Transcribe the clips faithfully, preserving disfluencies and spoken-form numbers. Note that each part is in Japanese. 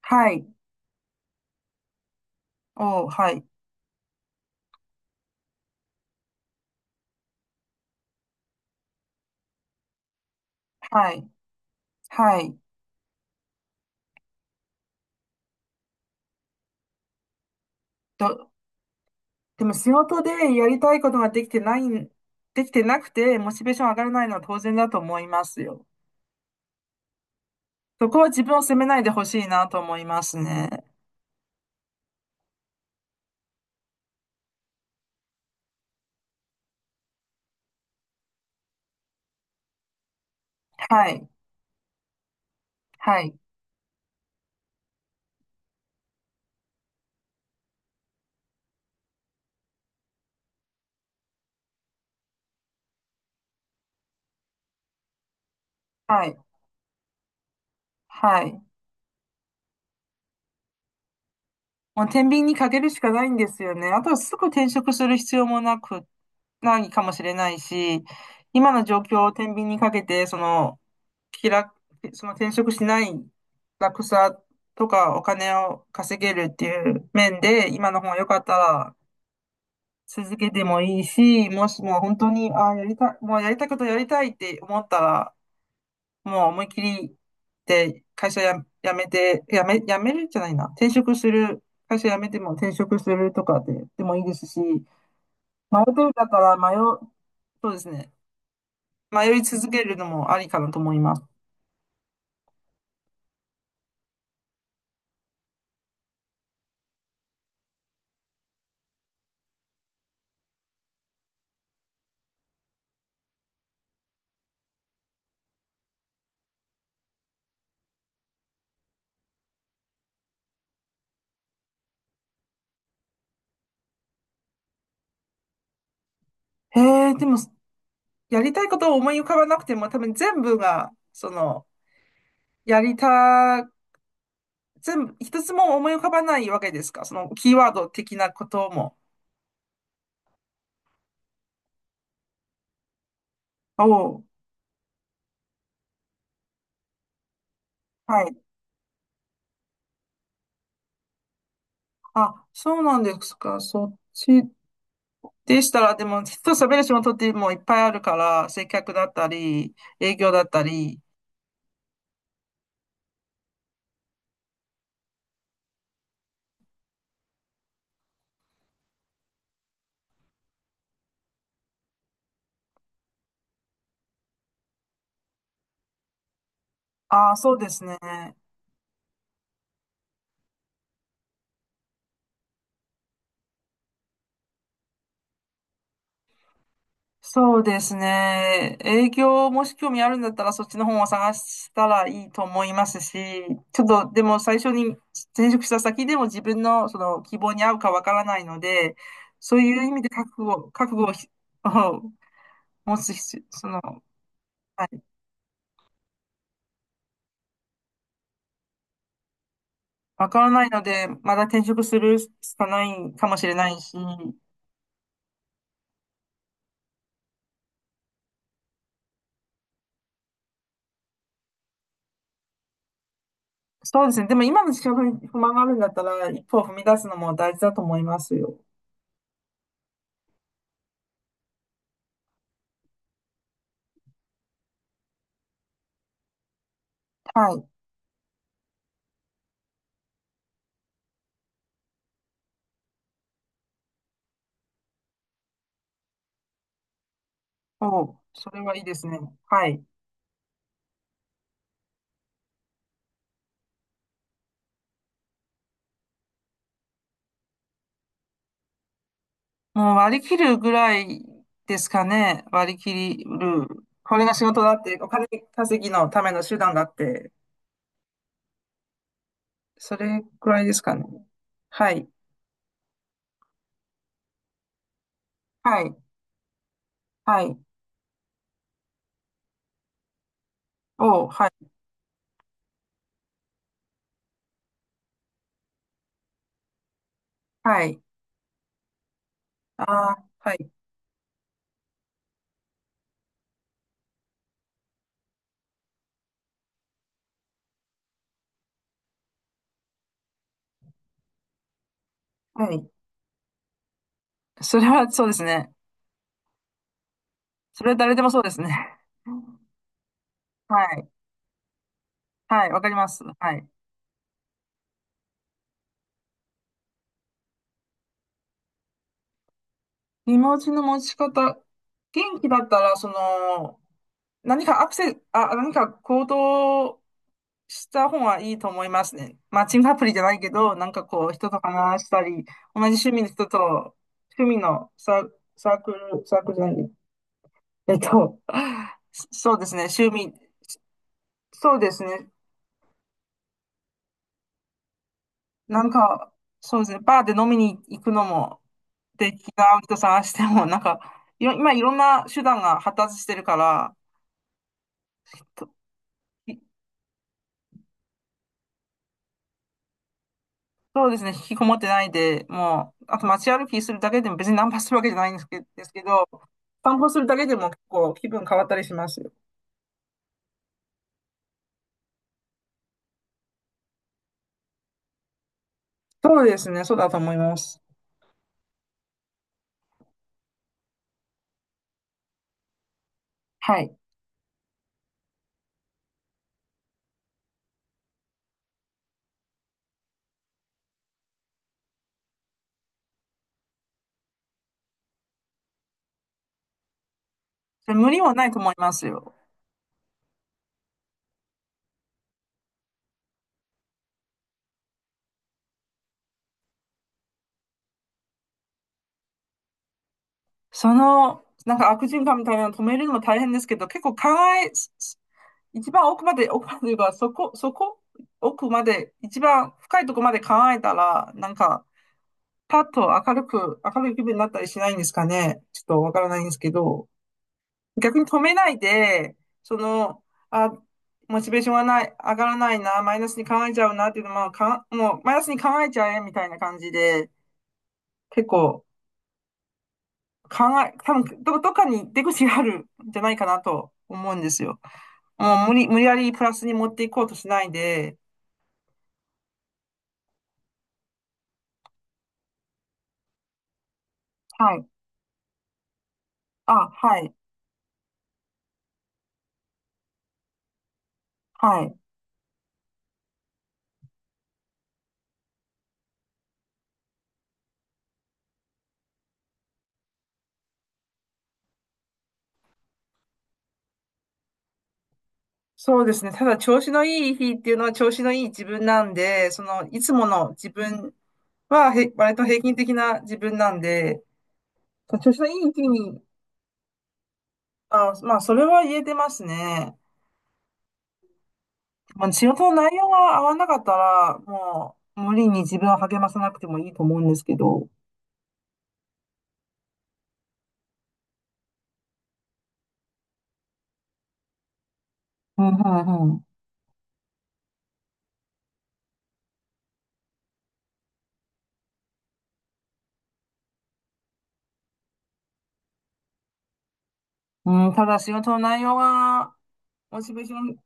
はい。おう、はい。はい。はい。と、でも仕事でやりたいことができてないん、できてなくて、モチベーション上がらないのは当然だと思いますよ。そこは自分を責めないでほしいなと思いますね。はい。はい。はい。はい。もう天秤にかけるしかないんですよね。あとはすぐ転職する必要もなく、ないかもしれないし、今の状況を天秤にかけて、その、気楽、その転職しない楽さとかお金を稼げるっていう面で、今の方が良かったら続けてもいいし、もしも本当に、ああ、やりたい、もうやりたいことやりたいって思ったら、もう思いっきりで会社や、辞めて、辞め、辞めるじゃないな。転職する、会社辞めても転職するとかで、でもいいですし、迷ってる方は迷う、そうですね。迷い続けるのもありかなと思います。へえ、でも、やりたいことを思い浮かばなくても、多分全部が、その、やりた、全部、一つも思い浮かばないわけですかその、キーワード的なことも。おう、はい。あ、そうなんですか。そっちでしたら、でも、人と喋る仕事ってもういっぱいあるから、接客だったり、営業だったり。ああ、そうですね。そうですね。営業もし興味あるんだったらそっちの本を探したらいいと思いますし、ちょっとでも最初に転職した先でも自分のその希望に合うかわからないので、そういう意味で覚悟、覚悟をひ 持つ必要、その、はい、わからないので、まだ転職するしかないかもしれないし、そうですね。でも今の仕事に不満があるんだったら、一歩を踏み出すのも大事だと思いますよ。はい。おう、それはいいですね。はい。もう割り切るぐらいですかね。割り切る。これが仕事だって、お金稼ぎのための手段だって、それくらいですかね。はい。はい。はい。おう、はい。はい。ああ、はい。はい。それはそうですね。それは誰でもそうですね。はい。はい。わかります。はい。気持ちの持ち方。元気だったら、その、何かアクセ、あ、何か行動した方がいいと思いますね。マッチングアプリじゃないけど、なんかこう、人と話したり、同じ趣味の人と、趣味のサー、サークル、サークルじゃない、えっと、そそうですね、趣味、そうですね、なんか、そうですね、バーで飲みに行くのも、で、気が合う人探しても、なんか、いろ今いろんな手段が発達してるから、とそうですね、引きこもってないで、もう、あと街歩きするだけでも別にナンパするわけじゃないんですけ、ですけど、散歩するだけでも結構気分変わったりしますよ。そうですね、そうだと思います。はい。で無理はないと思いますよ。その、なんか悪循環みたいなの止めるのも大変ですけど、結構考え、すす一番奥まで、奥まで言えば、そこ、そこ、奥まで、一番深いとこまで考えたら、なんか、パッと明るく、明るい気分になったりしないんですかね。ちょっとわからないんですけど。逆に止めないで、その、あ、モチベーションがない、上がらないな、マイナスに考えちゃうなっていうのは、かん、もうマイナスに考えちゃえみたいな感じで、結構考え、多分ど、どっかに出口があるんじゃないかなと思うんですよ。もう無理、無理やりプラスに持っていこうとしないで、はい。あ、はい。はい。そうですね。ただ、調子のいい日っていうのは調子のいい自分なんで、その、いつもの自分は、へ、割と平均的な自分なんで、調子のいい時に、あ、まあ、それは言えてますね。まあ、仕事の内容が合わなかったら、もう、無理に自分を励まさなくてもいいと思うんですけど。うん、うん、うん。うん、ただ、仕事の内容が、モチベーション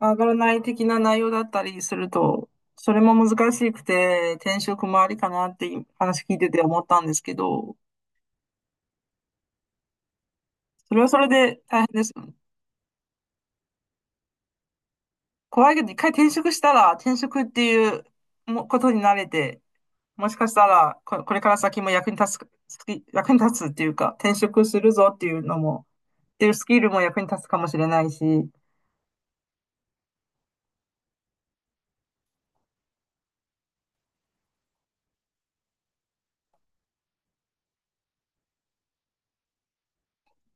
上がらない的な内容だったりすると、それも難しくて、転職もありかなって話聞いてて思ったんですけど、それはそれで大変ですよね。怖いけど、一回転職したら、転職っていうもことに慣れて、もしかしたら、こ、これから先も役に立つ、スキ役に立つっていうか、転職するぞっていうのも、っていうスキルも役に立つかもしれないし、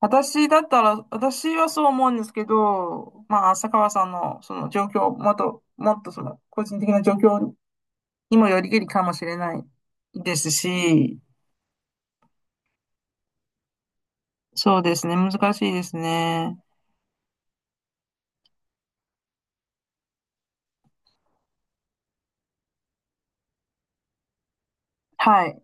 私だったら、私はそう思うんですけど、まあ、浅川さんのその状況、もっと、もっとその、個人的な状況にもよりけりかもしれないですし、そうですね、難しいですね。はい。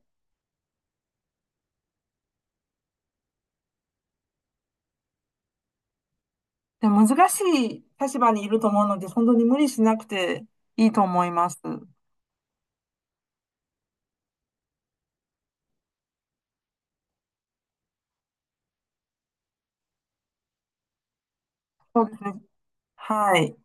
でも難しい立場にいると思うので、本当に無理しなくていいと思います。そうですね。はい。